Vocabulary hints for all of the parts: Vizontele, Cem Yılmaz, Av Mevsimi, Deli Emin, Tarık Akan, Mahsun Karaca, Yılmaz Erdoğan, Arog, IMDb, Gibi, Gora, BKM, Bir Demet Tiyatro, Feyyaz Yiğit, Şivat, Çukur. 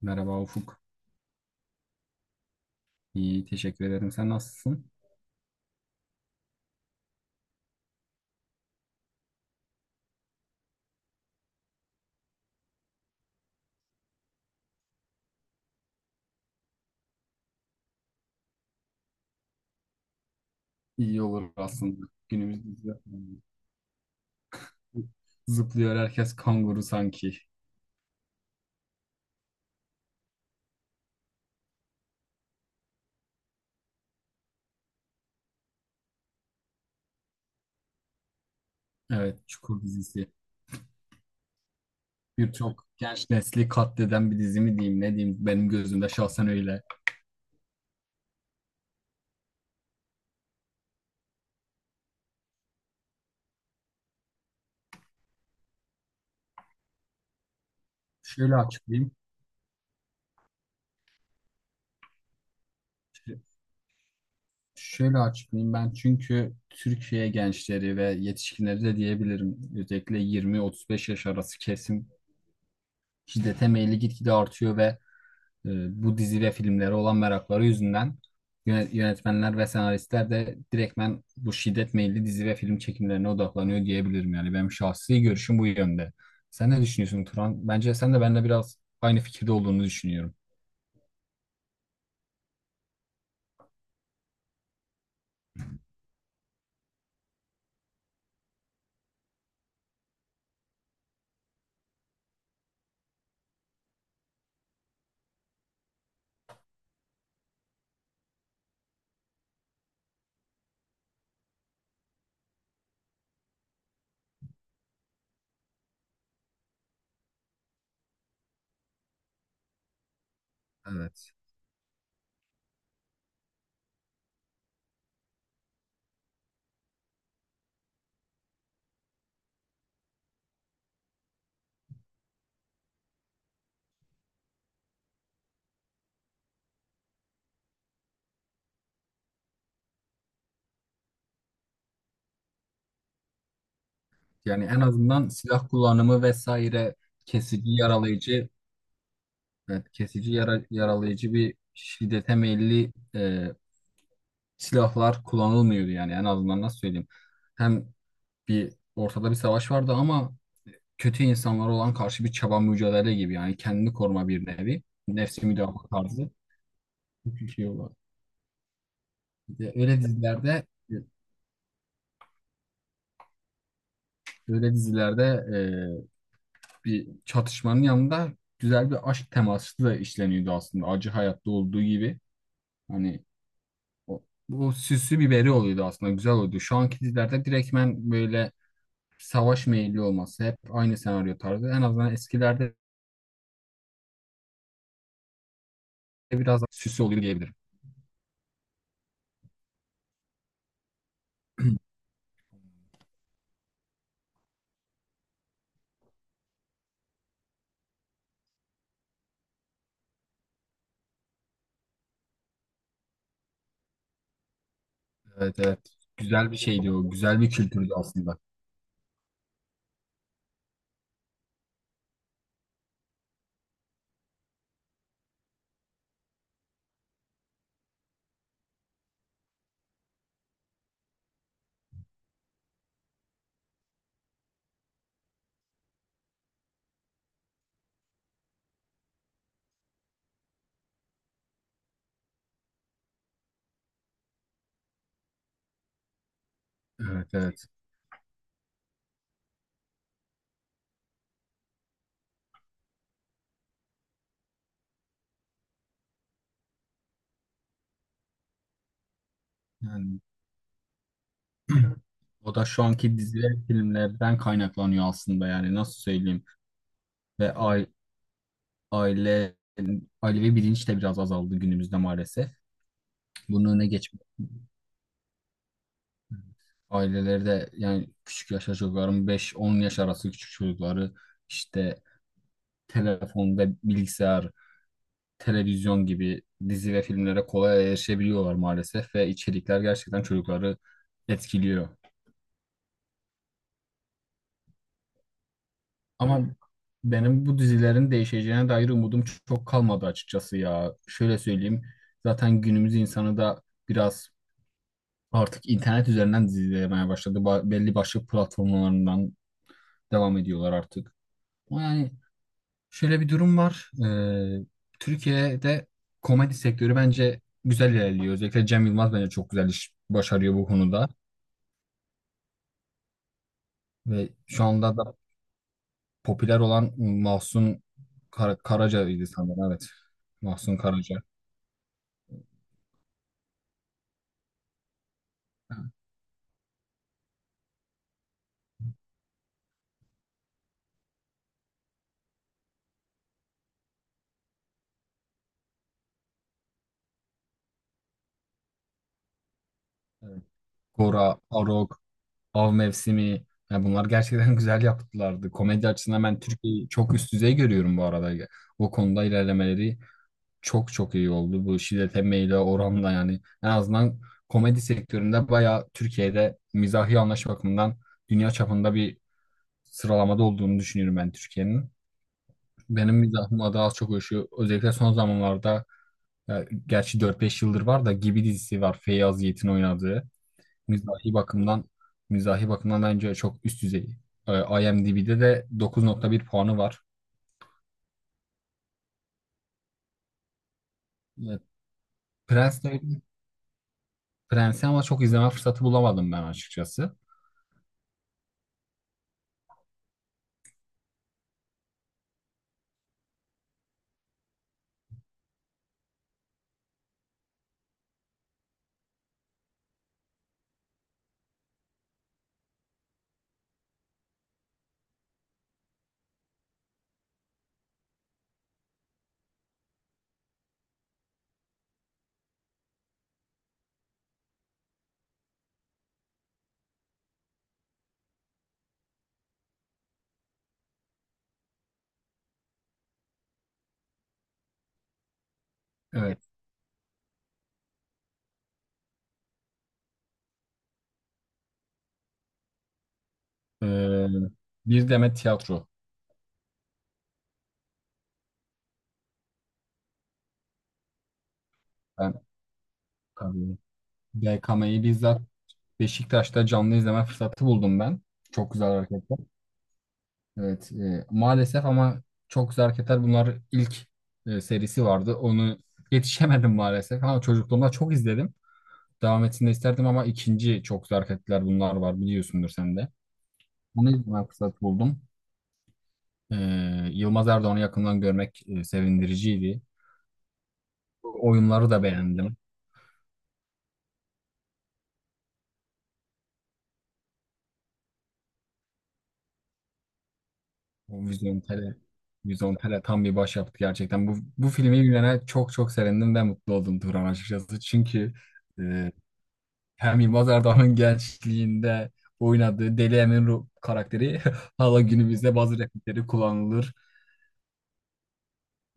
Merhaba Ufuk. İyi, teşekkür ederim. Sen nasılsın? İyi olur aslında. Zıplıyor herkes kanguru sanki. Evet, Çukur dizisi. Birçok genç nesli katleden bir dizi mi diyeyim ne diyeyim, benim gözümde şahsen öyle. Şöyle açıklayayım. Ş- Şöyle açıklayayım ben, çünkü Türkiye gençleri ve yetişkinleri de diyebilirim. Özellikle 20-35 yaş arası kesim şiddete meyilli gitgide artıyor ve e, bu dizi ve filmlere olan merakları yüzünden yönetmenler ve senaristler de direktmen bu şiddet meyilli dizi ve film çekimlerine odaklanıyor diyebilirim. Yani benim şahsi görüşüm bu yönde. Sen ne düşünüyorsun, Turan? Bence sen de benimle biraz aynı fikirde olduğunu düşünüyorum. Evet. Yani en azından silah kullanımı vesaire, kesici yaralayıcı, evet, kesici yaralayıcı bir şiddete meyilli silahlar kullanılmıyordu, yani en azından nasıl söyleyeyim. Hem bir ortada bir savaş vardı ama kötü insanlara olan karşı bir çaba, mücadele gibi, yani kendini koruma, bir nevi nefsi müdafaa tarzı bir şey olur. Bir de öyle dizilerde bir çatışmanın yanında güzel bir aşk teması da işleniyordu, aslında acı hayatta olduğu gibi. Hani o, bu süslü biberi oluyordu aslında, güzel oluyordu. Şu anki dizilerde direktmen böyle savaş meyilli olması, hep aynı senaryo tarzı. En azından eskilerde biraz daha süslü oluyor diyebilirim. Evet, evet, güzel bir şeydi o, güzel bir kültürdü aslında. Evet, evet. Yani o da şu anki dizi ve filmlerden kaynaklanıyor aslında, yani nasıl söyleyeyim. Ve aile ailevi bilinç de biraz azaldı günümüzde maalesef. Bunun önüne geçmek, aileleri de yani küçük yaşta çocukların, 5-10 yaş arası küçük çocukları işte telefon ve bilgisayar, televizyon gibi dizi ve filmlere kolay erişebiliyorlar maalesef, ve içerikler gerçekten çocukları etkiliyor. Ama benim bu dizilerin değişeceğine dair umudum çok kalmadı açıkçası ya. Şöyle söyleyeyim. Zaten günümüz insanı da biraz artık internet üzerinden dizi izlemeye başladı. Belli başlı platformlarından devam ediyorlar artık. Ama yani şöyle bir durum var. Türkiye'de komedi sektörü bence güzel ilerliyor. Özellikle Cem Yılmaz bence çok güzel iş başarıyor bu konuda. Ve şu anda da popüler olan Mahsun Karaca'ydı sanırım. Evet. Mahsun Karaca. Gora, Arog, Av Mevsimi. Yani bunlar gerçekten güzel yaptılardı. Komedi açısından ben Türkiye'yi çok üst düzey görüyorum bu arada. O konuda ilerlemeleri çok çok iyi oldu. Bu şiddete meyle oranla, yani en azından komedi sektöründe bayağı, Türkiye'de mizahi anlayış bakımından dünya çapında bir sıralamada olduğunu düşünüyorum ben Türkiye'nin. Benim mizahıma daha az çok uyuşuyor. Özellikle son zamanlarda, ya, gerçi 4-5 yıldır var da, Gibi dizisi var. Feyyaz Yiğit'in oynadığı. Mizahi bakımdan mizahi bakımdan bence çok üst düzey. IMDb'de de 9,1 puanı var. Ee, Prens de- Prens'i ama çok izleme fırsatı bulamadım ben açıkçası. Evet. Ee, bir Demet Tiyatro. Ben tabii BKM'yi bizzat Beşiktaş'ta canlı izleme fırsatı buldum ben. Çok güzel hareketler. Evet. Maalesef, ama çok güzel hareketler. Bunlar ilk serisi vardı. Onu yetişemedim maalesef ama çocukluğumda çok izledim. Devam etsin de isterdim, ama ikinci çok zarfetler bunlar var, biliyorsundur sen de. Bunu izleme fırsatı buldum. Ee, Yılmaz Erdoğan'ı yakından görmek sevindiriciydi. O oyunları da beğendim. O Vizontele, Vizontele, tam bir başyapıt gerçekten. Bu filmi bilene çok çok sevindim ve mutlu oldum Turan açıkçası. Çünkü e, hem Yılmaz Erdoğan'ın gençliğinde oynadığı Deli Emin karakteri hala günümüzde bazı replikleri kullanılır.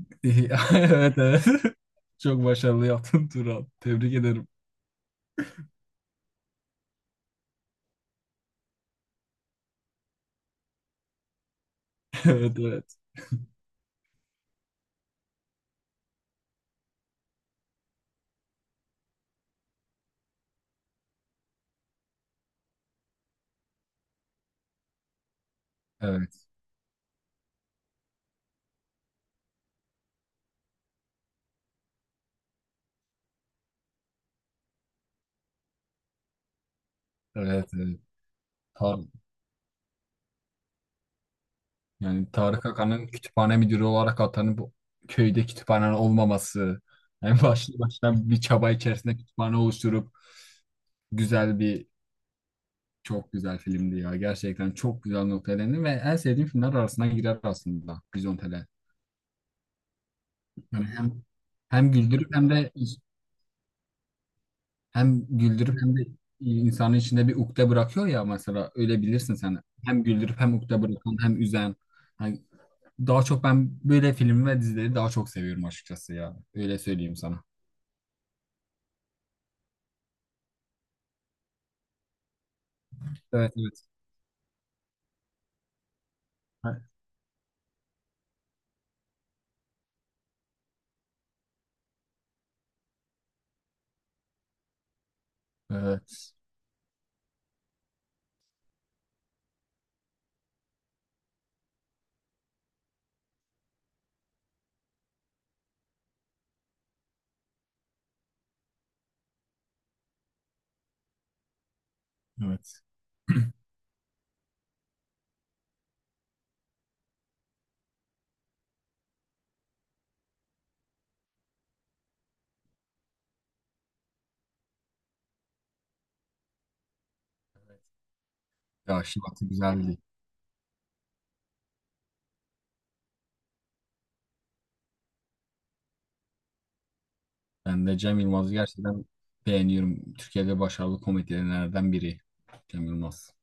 Evet, evet. Çok başarılı yaptın Turan. Tebrik ederim. Evet, evet. Evet, evet, evet. Tar yani Tarık Akan'ın kütüphane müdürü olarak atanıp köyde kütüphane olmaması. En başlı baştan bir çaba içerisinde kütüphane oluşturup güzel bir çok güzel filmdi ya. Gerçekten çok güzel noktaya değindi ve en sevdiğim filmler arasına girer aslında Bizontele. Yani hem hem güldürüp hem de Hem güldürüp hem de insanın içinde bir ukde bırakıyor ya, mesela öyle bilirsin sen. Hem güldürüp hem ukde bırakan hem üzen. Hani daha çok ben böyle film ve dizileri daha çok seviyorum açıkçası ya. Öyle söyleyeyim sana. Evet, evet. Ha, evet, evet. Ya, Şivat'ı güzeldi. Ben de Cem Yılmaz'ı gerçekten beğeniyorum. Türkiye'de başarılı komedyenlerden biri Cem Yılmaz.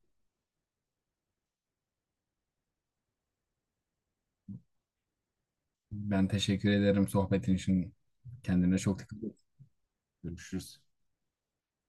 Ben teşekkür ederim sohbetin için. Kendine çok dikkat et. Görüşürüz.